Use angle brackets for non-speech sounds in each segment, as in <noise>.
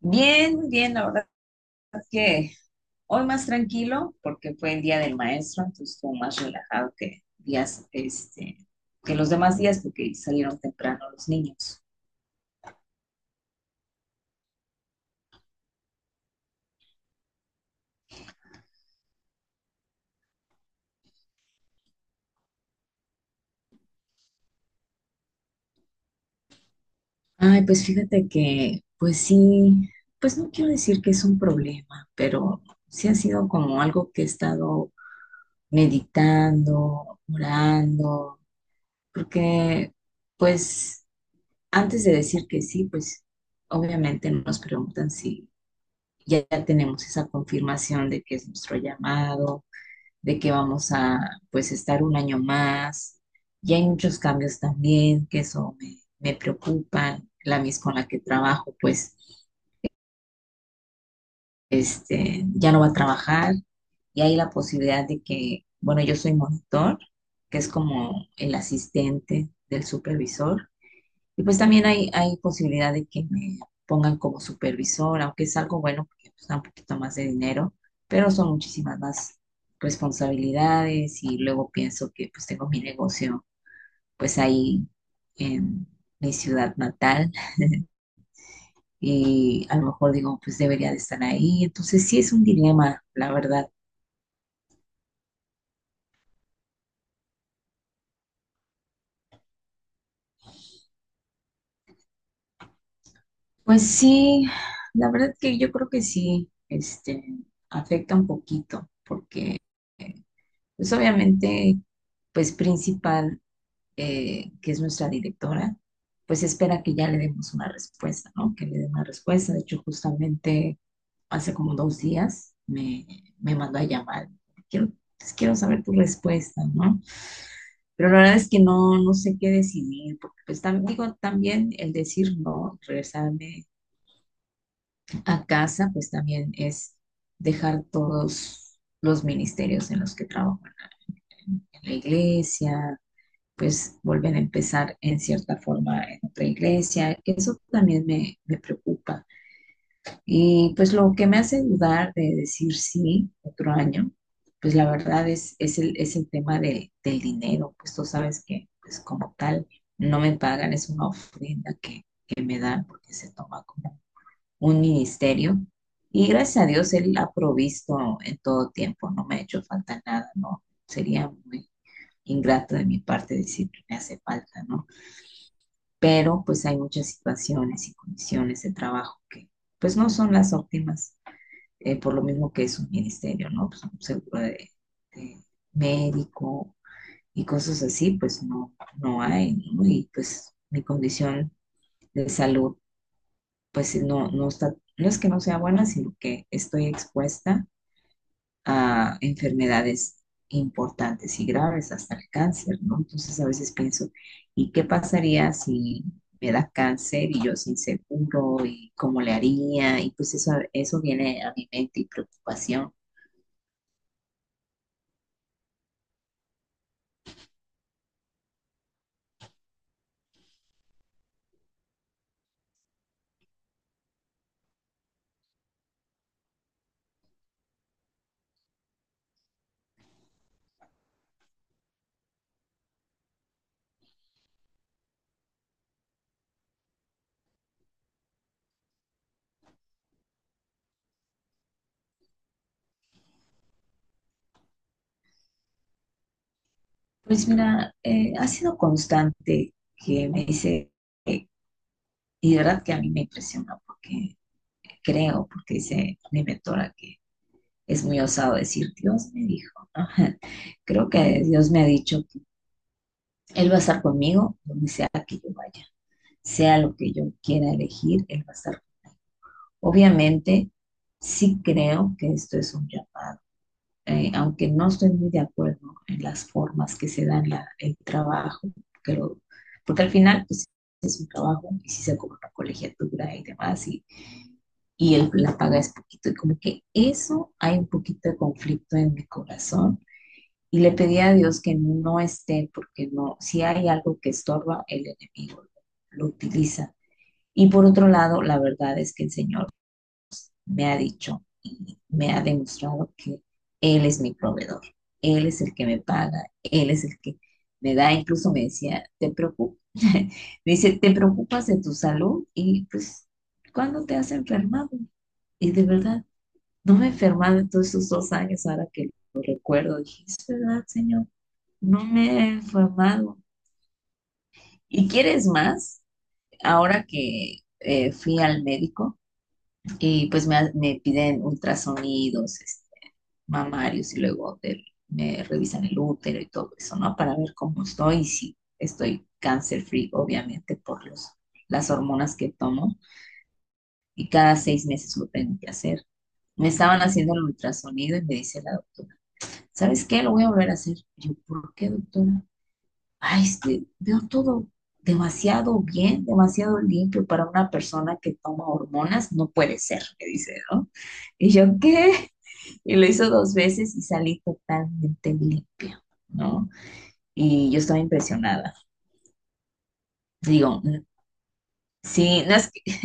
Bien, bien, la verdad es que hoy más tranquilo porque fue el día del maestro, entonces estuvo más relajado que los demás días porque salieron temprano los niños. Ay, pues fíjate que, pues sí, pues no quiero decir que es un problema, pero sí ha sido como algo que he estado meditando, orando, porque pues antes de decir que sí, pues obviamente no nos preguntan si ya tenemos esa confirmación de que es nuestro llamado, de que vamos a pues estar un año más. Ya hay muchos cambios también, que eso me preocupa. La mis con la que trabajo, pues ya no va a trabajar y hay la posibilidad de que, bueno, yo soy monitor, que es como el asistente del supervisor, y pues también hay posibilidad de que me pongan como supervisora, aunque es algo bueno porque pues, da un poquito más de dinero, pero son muchísimas más responsabilidades y luego pienso que pues tengo mi negocio pues ahí en mi ciudad natal y a lo mejor digo pues debería de estar ahí. Entonces sí es un dilema, la verdad. Pues sí, la verdad que yo creo que sí, este, afecta un poquito porque pues obviamente pues principal que es nuestra directora, pues espera que ya le demos una respuesta, ¿no? Que le dé una respuesta. De hecho, justamente hace como 2 días me mandó a llamar. Quiero, pues, quiero saber tu respuesta, ¿no? Pero la verdad es que no, no sé qué decidir, porque pues también, digo, también el decir no, regresarme a casa, pues también es dejar todos los ministerios en los que trabajo, en la iglesia, pues vuelven a empezar en cierta forma en otra iglesia. Eso también me preocupa. Y pues lo que me hace dudar de decir sí otro año, pues la verdad es el tema del dinero, pues tú sabes que pues como tal no me pagan, es una ofrenda que me dan porque se toma como un ministerio. Y gracias a Dios Él ha provisto en todo tiempo, no me ha hecho falta nada, no sería muy ingrato de mi parte decir que me hace falta, ¿no? Pero pues hay muchas situaciones y condiciones de trabajo que pues no son las óptimas, por lo mismo que es un ministerio, ¿no? Pues un seguro de médico y cosas así, pues no, no hay, ¿no? Y pues mi condición de salud, pues no, no está, no es que no sea buena, sino que estoy expuesta a enfermedades importantes y graves, hasta el cáncer, ¿no? Entonces a veces pienso, ¿y qué pasaría si me da cáncer y yo sin seguro? ¿Y cómo le haría? Y pues eso viene a mi mente y preocupación. Pues mira, ha sido constante que me dice, eh, y de verdad que a mí me impresiona porque creo, porque dice mi mentora que es muy osado decir, Dios me dijo, ¿no? <laughs> Creo que Dios me ha dicho Él va a estar conmigo donde sea que yo vaya, sea lo que yo quiera elegir, Él va a estar. Obviamente, sí creo que esto es un llamado, aunque no estoy muy de acuerdo en las formas que se dan la, el trabajo, que lo, porque al final pues, es un trabajo y si se cobra una colegiatura y demás, y el, la paga es poquito, y como que eso hay un poquito de conflicto en mi corazón y le pedí a Dios que no esté, porque no, si hay algo que estorba, el enemigo lo utiliza. Y por otro lado, la verdad es que el Señor me ha dicho y me ha demostrado que Él es mi proveedor, Él es el que me paga, Él es el que me da, incluso me decía, te preocupas, <laughs> me dice, te preocupas de tu salud y pues, ¿cuándo te has enfermado? Y de verdad, no me he enfermado en todos esos 2 años ahora que recuerdo, dije, es verdad, Señor, no me he enfermado. ¿Y quieres más? Ahora que fui al médico y pues me piden ultrasonidos, este, mamarios y luego me revisan el útero y todo eso, ¿no? Para ver cómo estoy y si estoy cancer free, obviamente, por las hormonas que tomo y cada 6 meses lo tengo que hacer. Me estaban haciendo el ultrasonido y me dice la doctora, ¿sabes qué? Lo voy a volver a hacer. Yo, ¿por qué, doctora? Ay, es que veo todo demasiado bien, demasiado limpio para una persona que toma hormonas, no puede ser, me dice, ¿no? Y yo, ¿qué? Y lo hizo dos veces y salí totalmente limpia, ¿no? Y yo estaba impresionada. Digo, sí, no es que-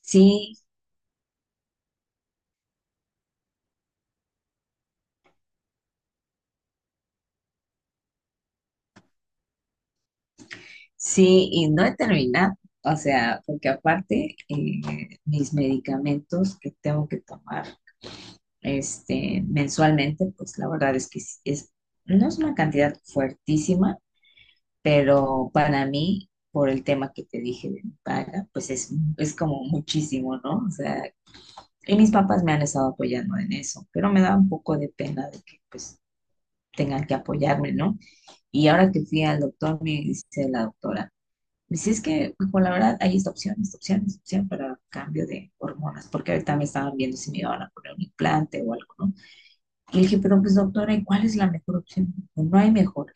sí, sí, y no he terminado. O sea, porque aparte, mis medicamentos que tengo que tomar este, mensualmente, pues la verdad es que no es una cantidad fuertísima, pero para mí, por el tema que te dije de mi paga, pues es como muchísimo, ¿no? O sea, y mis papás me han estado apoyando en eso, pero me da un poco de pena de que pues tengan que apoyarme, ¿no? Y ahora que fui al doctor, me dice la doctora, me dice, es que, pues la verdad, hay esta opción, esta opción, esta opción para cambio de hormonas, porque ahorita me estaban viendo si me iban a poner un implante o algo, ¿no? Le dije, pero pues doctora, ¿y cuál es la mejor opción? Dijo, no hay mejor,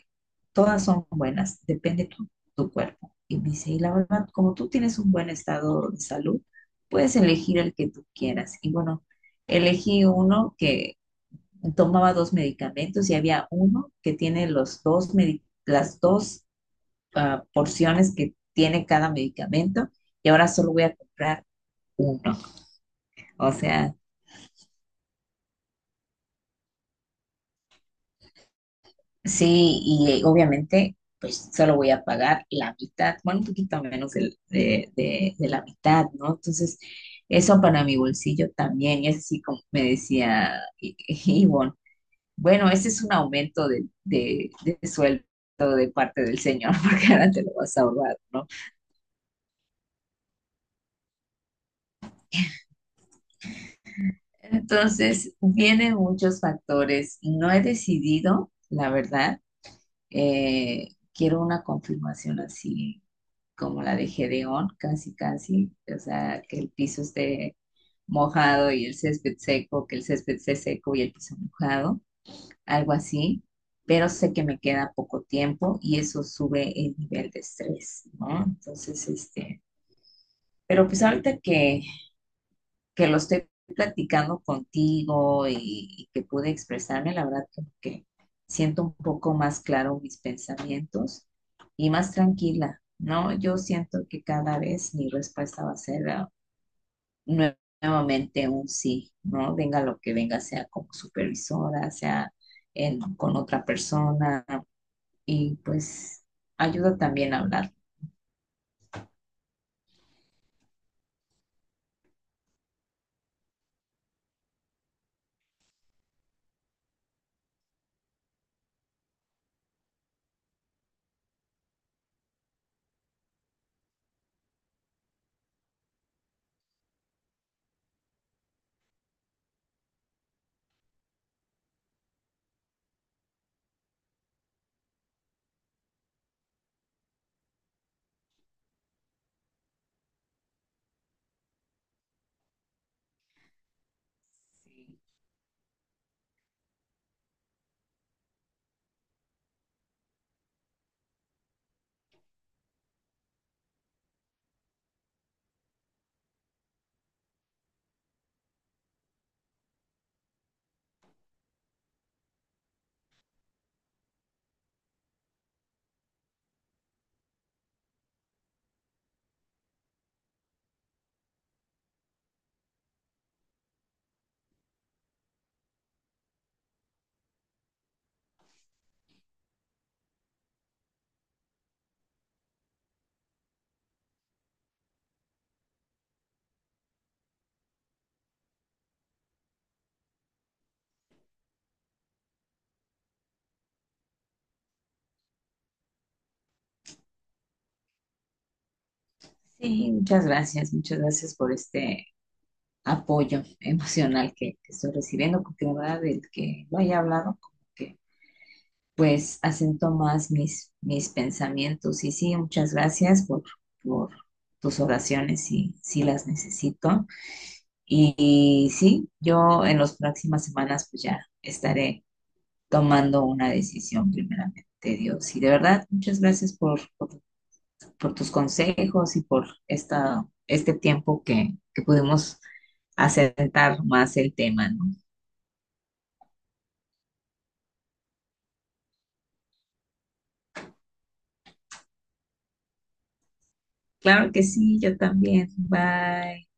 todas son buenas, depende tu, tu cuerpo. Y me dice, y la verdad, como tú tienes un buen estado de salud, puedes elegir el que tú quieras. Y bueno, elegí uno que tomaba dos medicamentos y había uno que tiene las dos porciones que tiene cada medicamento y ahora solo voy a comprar uno. O sea, sí, y obviamente, pues solo voy a pagar la mitad, bueno, un poquito menos de la mitad, ¿no? Entonces, eso para mi bolsillo también, y es así como me decía Ivonne, bueno, ese es un aumento de sueldo de parte del Señor, <laughs> porque ahora te lo vas a ahorrar, ¿no? Entonces, vienen muchos factores. No he decidido, la verdad, quiero una confirmación así como la de Gedeón, casi, casi, o sea, que el piso esté mojado y el césped seco, que el césped esté seco y el piso mojado, algo así, pero sé que me queda poco tiempo y eso sube el nivel de estrés, ¿no? Entonces, este, pero pues ahorita que lo estoy platicando contigo y que pude expresarme, la verdad como que siento un poco más claro mis pensamientos y más tranquila, ¿no? Yo siento que cada vez mi respuesta va a ser nue- nuevamente un sí, ¿no? Venga lo que venga, sea como supervisora, sea con otra persona y pues ayuda también a hablar. Sí, sí, muchas gracias por este apoyo emocional que estoy recibiendo, porque la verdad del que lo haya hablado, como que pues acento más mis pensamientos. Y sí, muchas gracias por tus oraciones, si las necesito. Y sí, yo en las próximas semanas pues ya estaré tomando una decisión primeramente. Dios. Y de verdad, muchas gracias por tus consejos y por este tiempo que pudimos asentar más el tema, ¿no? Claro que sí, yo también. Bye.